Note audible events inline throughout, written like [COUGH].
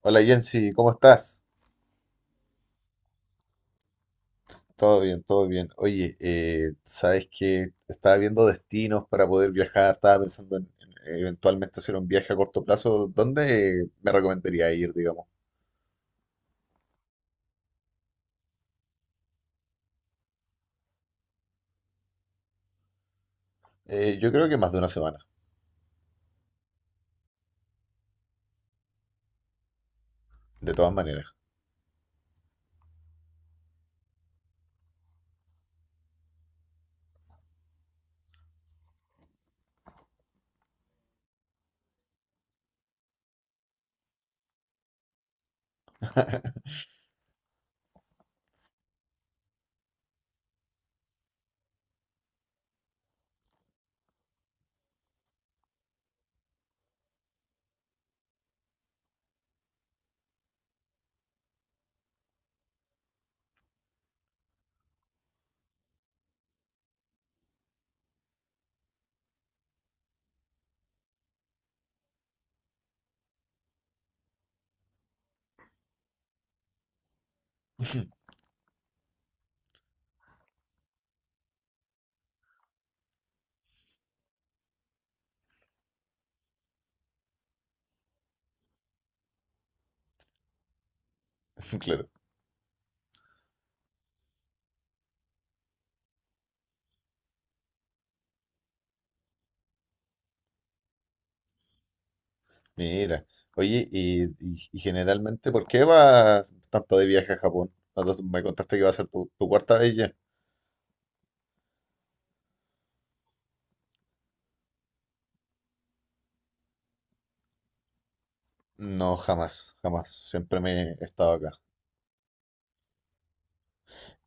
Hola Jensi, ¿cómo estás? Todo bien, todo bien. Oye, sabes que estaba viendo destinos para poder viajar, estaba pensando en eventualmente hacer un viaje a corto plazo. ¿Dónde me recomendaría ir, digamos? Yo creo que más de una semana, de todas maneras. [LAUGHS] Claro. Mira, oye, y generalmente, ¿por qué vas tanto de viaje a Japón? Cuando me contaste que va a ser tu cuarta vez ya. No, jamás, jamás. Siempre me he estado acá.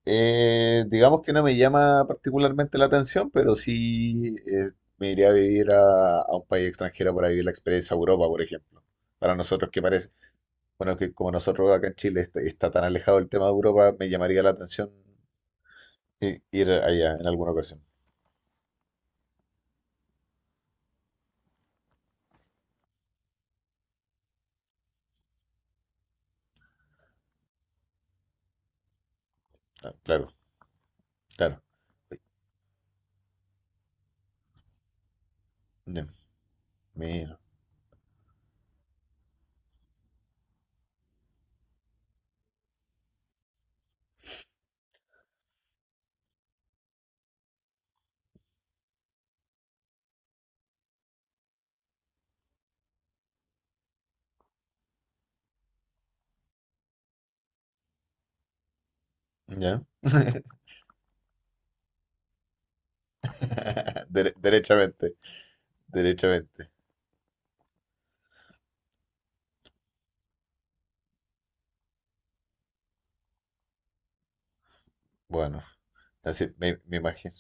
Digamos que no me llama particularmente la atención, pero sí me iría a vivir a un país extranjero para vivir la experiencia Europa, por ejemplo. Para nosotros que parece, bueno, que como nosotros acá en Chile está tan alejado el tema de Europa, me llamaría la atención ir allá en alguna ocasión. Ah, claro, claro. Uy, ya, mira, ya. [LAUGHS] Derechamente, derechamente. Bueno, así me imagino.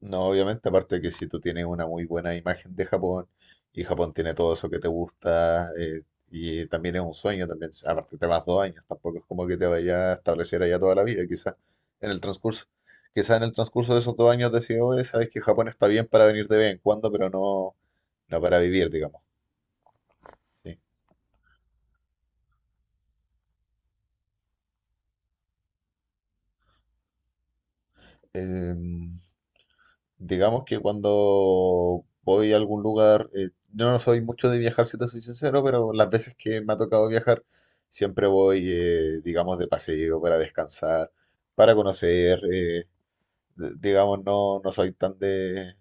No, obviamente, aparte de que si tú tienes una muy buena imagen de Japón y Japón tiene todo eso que te gusta y también es un sueño, también, aparte te vas 2 años, tampoco es como que te vayas a establecer allá toda la vida, quizás en el transcurso, quizás en el transcurso de esos 2 años decides, oye, sabes que Japón está bien para venir de vez en cuando, pero no, no para vivir, digamos. Sí. Em, digamos que cuando voy a algún lugar, no soy mucho de viajar, si te soy sincero, pero las veces que me ha tocado viajar, siempre voy, digamos, de paseo para descansar, para conocer, digamos, no, no soy tan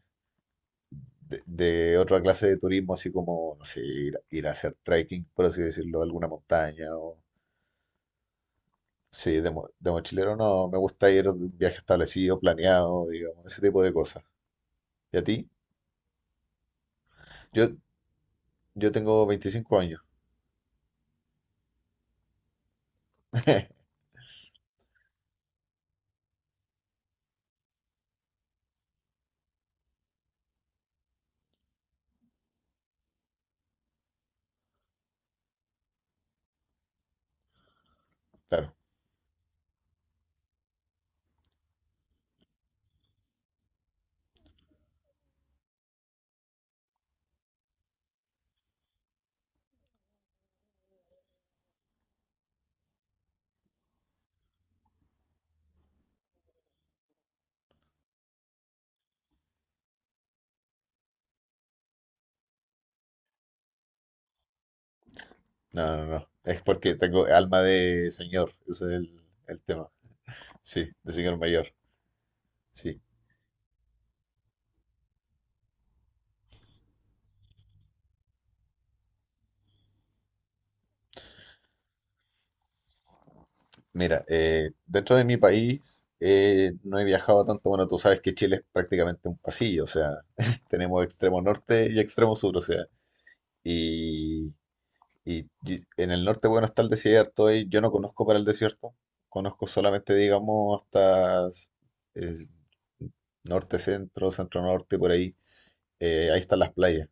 de otra clase de turismo, así como, no sé, ir a hacer trekking, por así decirlo, a alguna montaña o... Sí, de mochilero no, me gusta ir de un viaje establecido, planeado, digamos, ese tipo de cosas. ¿Y a ti? Yo, yo tengo 25 años. [LAUGHS] Claro, no. Es porque tengo alma de señor, ese es el tema. Sí, de señor mayor. Sí. Mira, dentro de mi país no he viajado tanto. Bueno, tú sabes que Chile es prácticamente un pasillo, o sea, [LAUGHS] tenemos extremo norte y extremo sur, o sea. Y, y en el norte, bueno, está el desierto y yo no conozco para el desierto. Conozco solamente, digamos, hasta eh, norte, centro, centro norte, por ahí. Ahí están las playas.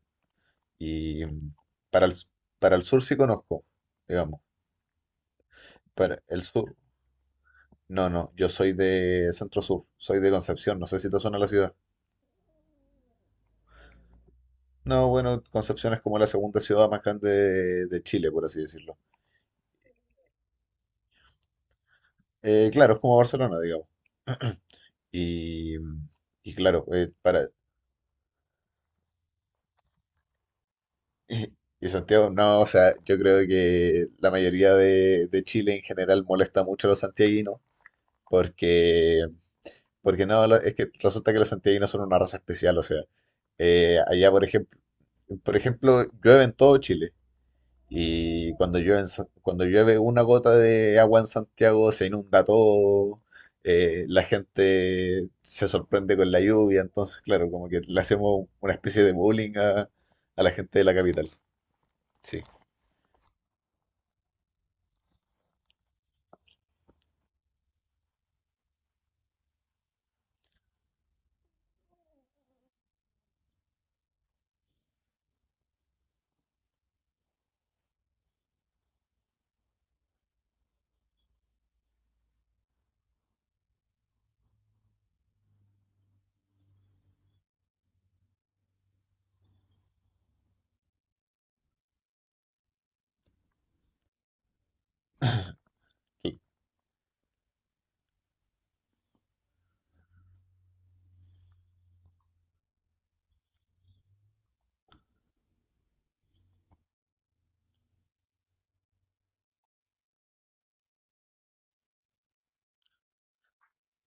Y mm, para para el sur sí conozco, digamos. Para el sur. No, no, yo soy de Centro Sur, soy de Concepción, no sé si te suena la ciudad. No, bueno, Concepción es como la segunda ciudad más grande de Chile, por así decirlo. Claro, es como Barcelona, digamos. Y, mm, y claro, para... [LAUGHS] Y Santiago, no, o sea, yo creo que la mayoría de Chile en general molesta mucho a los santiaguinos porque Porque no, lo- es que resulta que los santiaguinos son una raza especial, o sea, allá por ejemplo, llueve en todo Chile y cuando llueve, cuando llueve una gota de agua en Santiago se inunda todo, la gente se sorprende con la lluvia, entonces claro, como que le hacemos una especie de bullying a la gente de la capital. Sí. Y,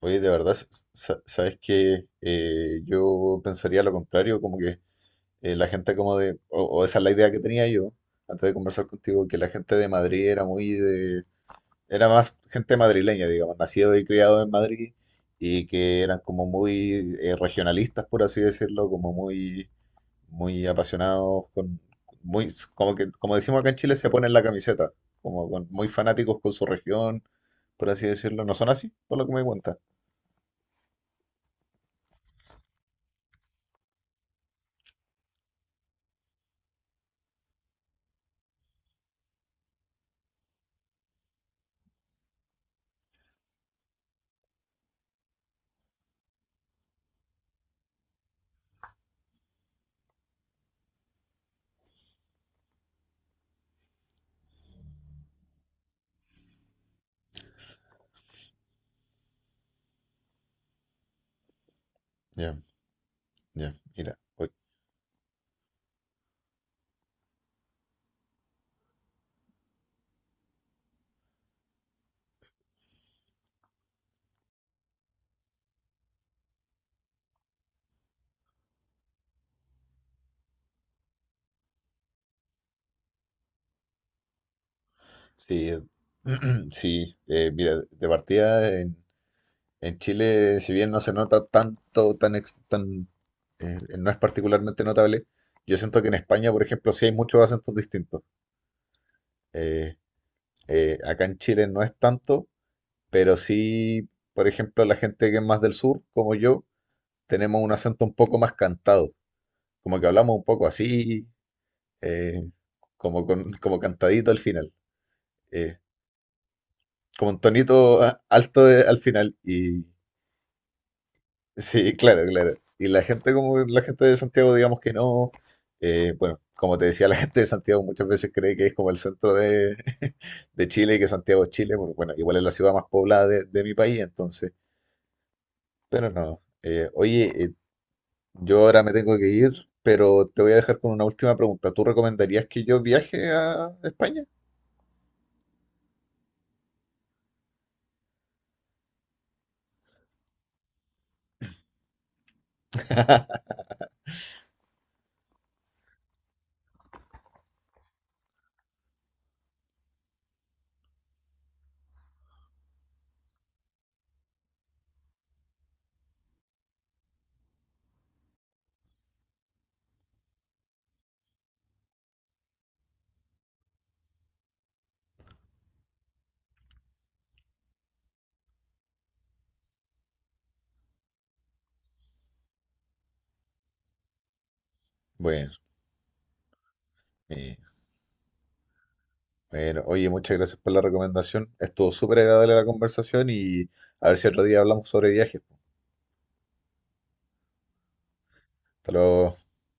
oye, de verdad, sabes que yo pensaría lo contrario, como que la gente como de, o esa es la idea que tenía yo antes de conversar contigo, que la gente de Madrid era muy era más gente madrileña, digamos, nacido y criado en Madrid y que eran como muy regionalistas, por así decirlo, como muy, muy apasionados muy, como que, como decimos acá en Chile, se ponen la camiseta, muy fanáticos con su región, por así decirlo. ¿No son así? Por lo que me cuenta. Ya, ya, mira. Uy, sí, [CLEARS THROAT] sí, mira, de partida en Chile, si bien no se nota tanto, no es particularmente notable, yo siento que en España, por ejemplo, sí hay muchos acentos distintos. Eh, Acá en Chile no es tanto, pero sí, por ejemplo, la gente que es más del sur, como yo, tenemos un acento un poco más cantado, como que hablamos un poco así, eh, como con, como cantadito al final, eh, como un tonito alto al final y sí, claro, claro. Y la gente como la gente de Santiago, digamos que no, bueno, como te decía, la gente de Santiago muchas veces cree que es como el centro de, [LAUGHS] de Chile y que Santiago es Chile, porque bueno, igual es la ciudad más poblada de mi país, entonces, pero no. Oye, yo ahora me tengo que ir, pero te voy a dejar con una última pregunta. ¿Tú recomendarías que yo viaje a España? Bueno, eh, bueno, oye, muchas gracias por la recomendación. Estuvo súper agradable la conversación y a ver si otro día hablamos sobre viajes. Hasta luego.